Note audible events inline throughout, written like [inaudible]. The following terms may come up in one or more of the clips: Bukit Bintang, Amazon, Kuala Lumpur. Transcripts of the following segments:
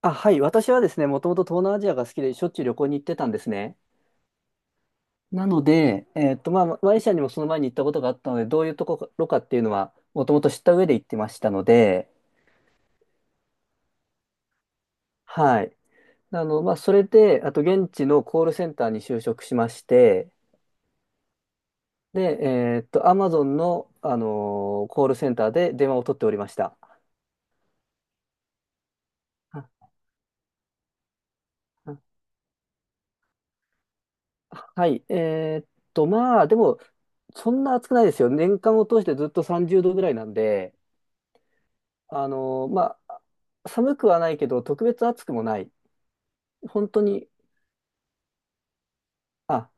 あ、はい。私はですね、もともと東南アジアが好きで、しょっちゅう旅行に行ってたんですね。なので、まあ、マレーシアにもその前に行ったことがあったので、どういうところかっていうのは、もともと知った上で行ってましたので、はい。あの、まあ、それで、あと、現地のコールセンターに就職しまして、で、アマゾンの、コールセンターで電話を取っておりました。ああ、はい。まあ、でも、そんな暑くないですよ。年間を通してずっと30度ぐらいなんで、あの、まあ、寒くはないけど、特別暑くもない。本当に、あ、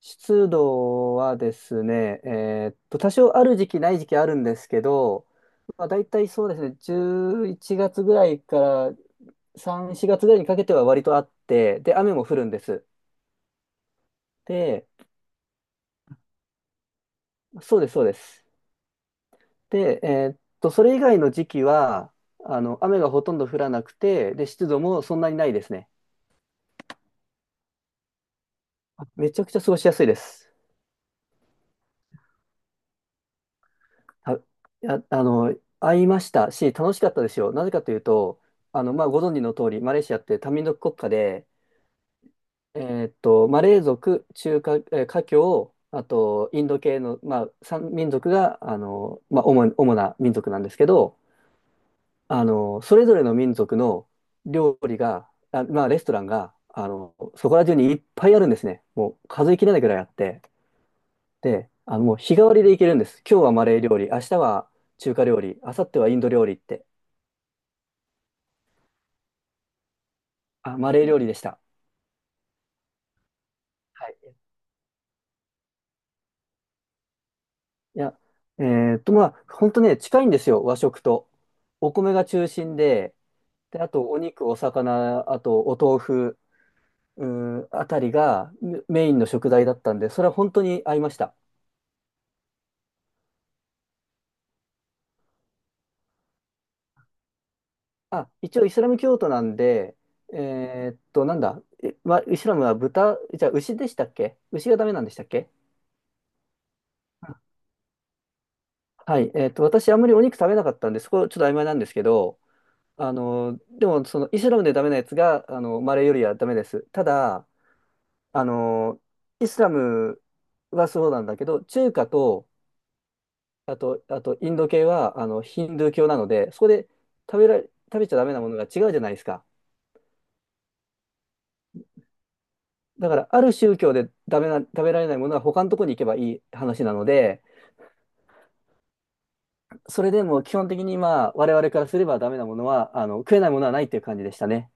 湿度はですね、多少ある時期ない時期あるんですけど、まあ、大体そうですね、11月ぐらいから3、4月ぐらいにかけては割とあって、で、雨も降るんです。で、そうです、そうです。で、それ以外の時期は、あの、雨がほとんど降らなくて、で、湿度もそんなにないですね。めちゃくちゃ過ごしやすいです。あ、いや、あの、会いましたし、楽しかったですよ。なぜかというと、あの、まあ、ご存知の通り、マレーシアって多民族国家で、えマレー族、中華、えー華僑、あと、インド系の、まあ、三民族が、あの、まあ、主な民族なんですけど、あの、それぞれの民族の料理が、あ、まあ、レストランが、あの、そこら中にいっぱいあるんですね。もう数えきれないぐらいあって。で、あの、もう日替わりでいけるんです。今日はマレー料理、明日は中華料理、明後日はインド料理って。あ、マレー料理でした。はい。いや、えまあ、本当ね、近いんですよ、和食と。お米が中心で、で、あとお肉、お魚、あとお豆腐、うーん、あたりがメインの食材だったんで、それは本当に合いました。あ、一応イスラム教徒なんで、なんだ、イスラムは豚、じゃあ牛でしたっけ？牛がダメなんでしたっけ？はい、えっと、私、あんまりお肉食べなかったんで、そこちょっと曖昧なんですけど、あの、でも、その、イスラムでダメなやつが、あの、マレーよりはダメです。ただ、あの、イスラムはそうなんだけど、中華と、あと、インド系は、あの、ヒンドゥー教なので、そこで食べられ、食べちゃダメなものが違うじゃないですか。だから、ある宗教でダメな、食べられないものは他のところに行けばいい話なので、それでも基本的に、まあ、我々からすればダメなものは、あの、食えないものはないっていう感じでしたね。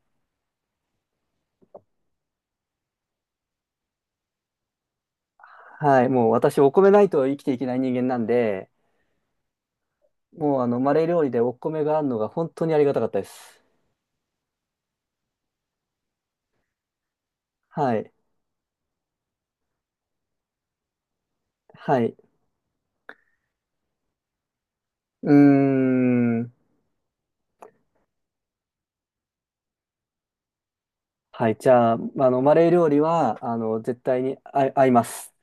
はい、もう私、お米ないと生きていけない人間なんで、もうあの、マレー料理でお米があるのが本当にありがたかったです。はい、はい。うーん。はい、じゃあ、あの、マレー料理は、あの、絶対に合います。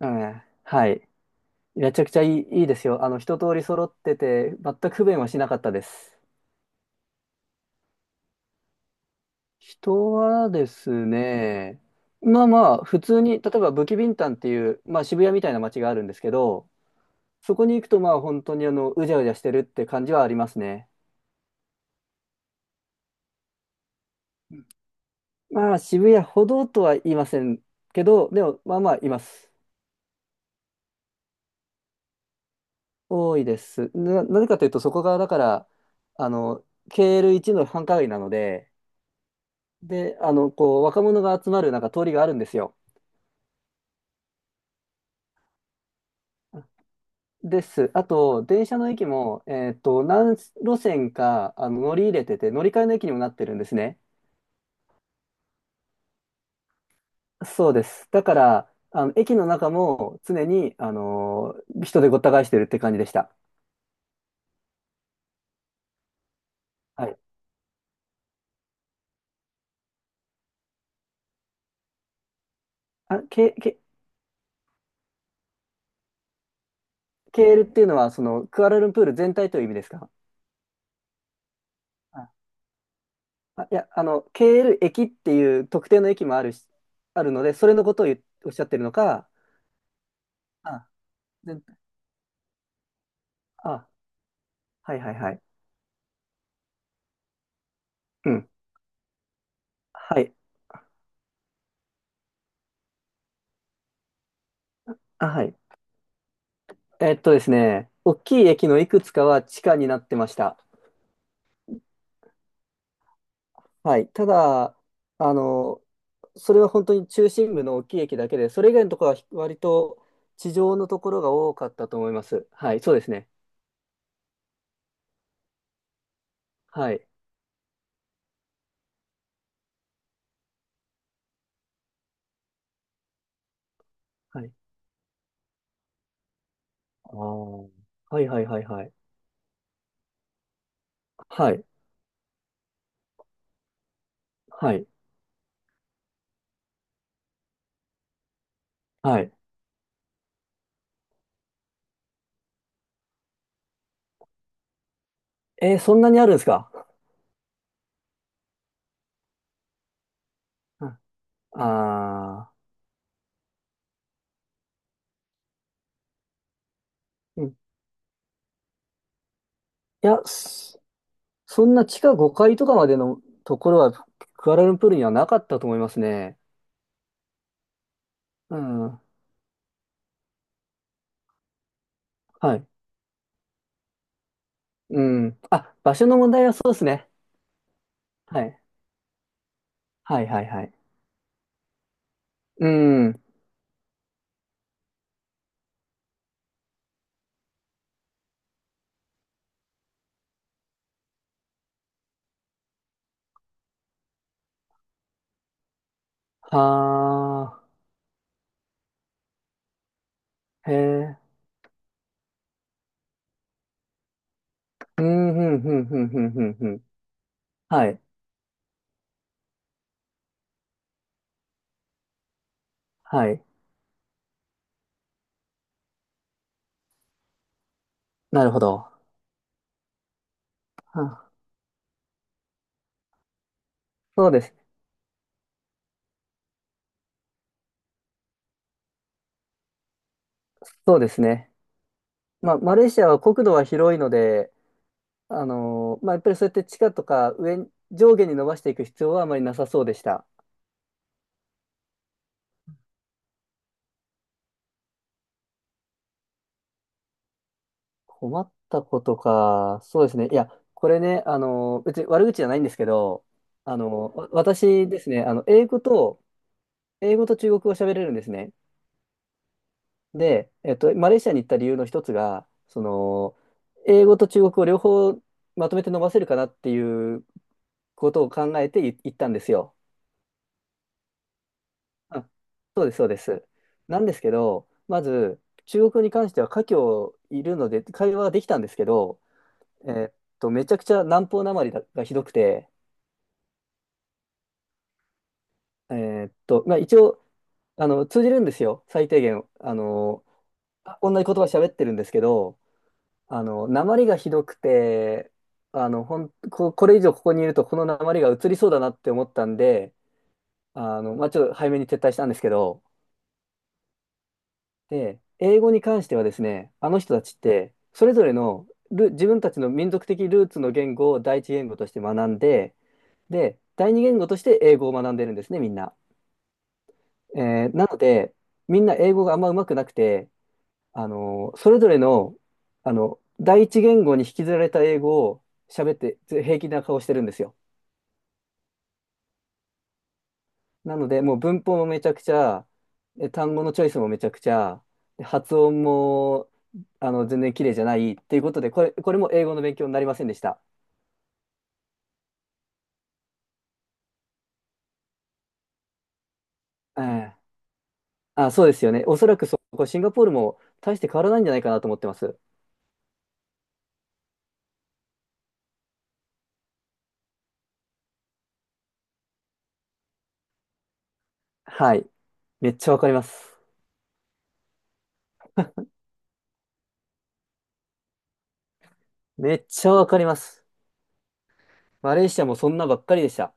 うん、はい。めちゃくちゃいいですよ。あの、一通り揃ってて、全く不便はしなかったです。人はですね、まあまあ、普通に、例えばブキビンタンっていう、まあ渋谷みたいな街があるんですけど、そこに行くと、まあ本当にあの、うじゃうじゃしてるって感じはありますね。まあ渋谷ほどとは言いませんけど、でもまあまあいます。多いです。なぜかというと、そこがだから、あの、KL1 の繁華街なので、で、あの、こう、若者が集まるなんか通りがあるんですよ。です。あと、電車の駅も、えっと、何路線か、あの、乗り入れてて、乗り換えの駅にもなってるんですね。そうです。だから、あの、駅の中も常に、人でごった返してるって感じでした。はい。あ、ケ、ケ、ケールっていうのは、その、クアラルンプール全体という意味ですか？あ、いや、あの、ケール駅っていう特定の駅もあるし、あるので、それのことをおっしゃってるのか、あ、全体。あ、はいはいはい。うん。はい。あ、はい。えっとですね、大きい駅のいくつかは地下になってました。はい。ただ、あの、それは本当に中心部の大きい駅だけで、それ以外のところは割と地上のところが多かったと思います。はい、そうですね。はい。はい。ああ、はいはいはいはい。はい。はい。はい。えー、そんなにあるんですか？あ [laughs] あー、うん。いや、そんな地下5階とかまでのところは、クアラルンプールにはなかったと思いますね。うん。はい。うん。あ、場所の問題はそうですね。はい。はいはいはい。うん。はあ、へえ。うん、ふん、ふん、ふん、ふん、ふん、ふん。はい、はい。なるほど。あ、そうです。そうですね。まあ、マレーシアは国土は広いので、まあ、やっぱりそうやって地下とか上に、上下に伸ばしていく必要はあまりなさそうでした。困ったことか。そうですね。いや、これね、別に悪口じゃないんですけど、私ですね、英語と中国語を喋れるんですね。で、えっと、マレーシアに行った理由の一つが、その、英語と中国語両方まとめて伸ばせるかなっていうことを考えてい行ったんですよ。あ、そうです、そうです。なんですけど、まず、中国語に関しては華僑いるので、会話ができたんですけど、えーっめちゃくちゃ南方なまりががひどくて、まあ一応、あの、通じるんですよ、最低限。あの、同じ言葉喋ってるんですけど、あの、訛りがひどくて、あの、ほん、こ、これ以上ここにいると、この訛りが移りそうだなって思ったんで、あの、まあ、ちょっと早めに撤退したんですけど、で、英語に関してはですね、あの人たちって、それぞれのル、自分たちの民族的ルーツの言語を第一言語として学んで、で、第二言語として英語を学んでるんですね、みんな。えー、なので、みんな英語があんま上手くなくて、あの、それぞれの、あの、第一言語に引きずられた英語を喋ってず平気な顔してるんですよ。なので、もう文法もめちゃくちゃ、で単語のチョイスもめちゃくちゃ、で発音も、あの、全然綺麗じゃないっていうことで、これも英語の勉強になりませんでした。ええ、あ、そうですよね。おそらくそこ、シンガポールも大して変わらないんじゃないかなと思ってます。はい。めっちゃわかります。めっちゃわかります。マレーシアもそんなばっかりでした。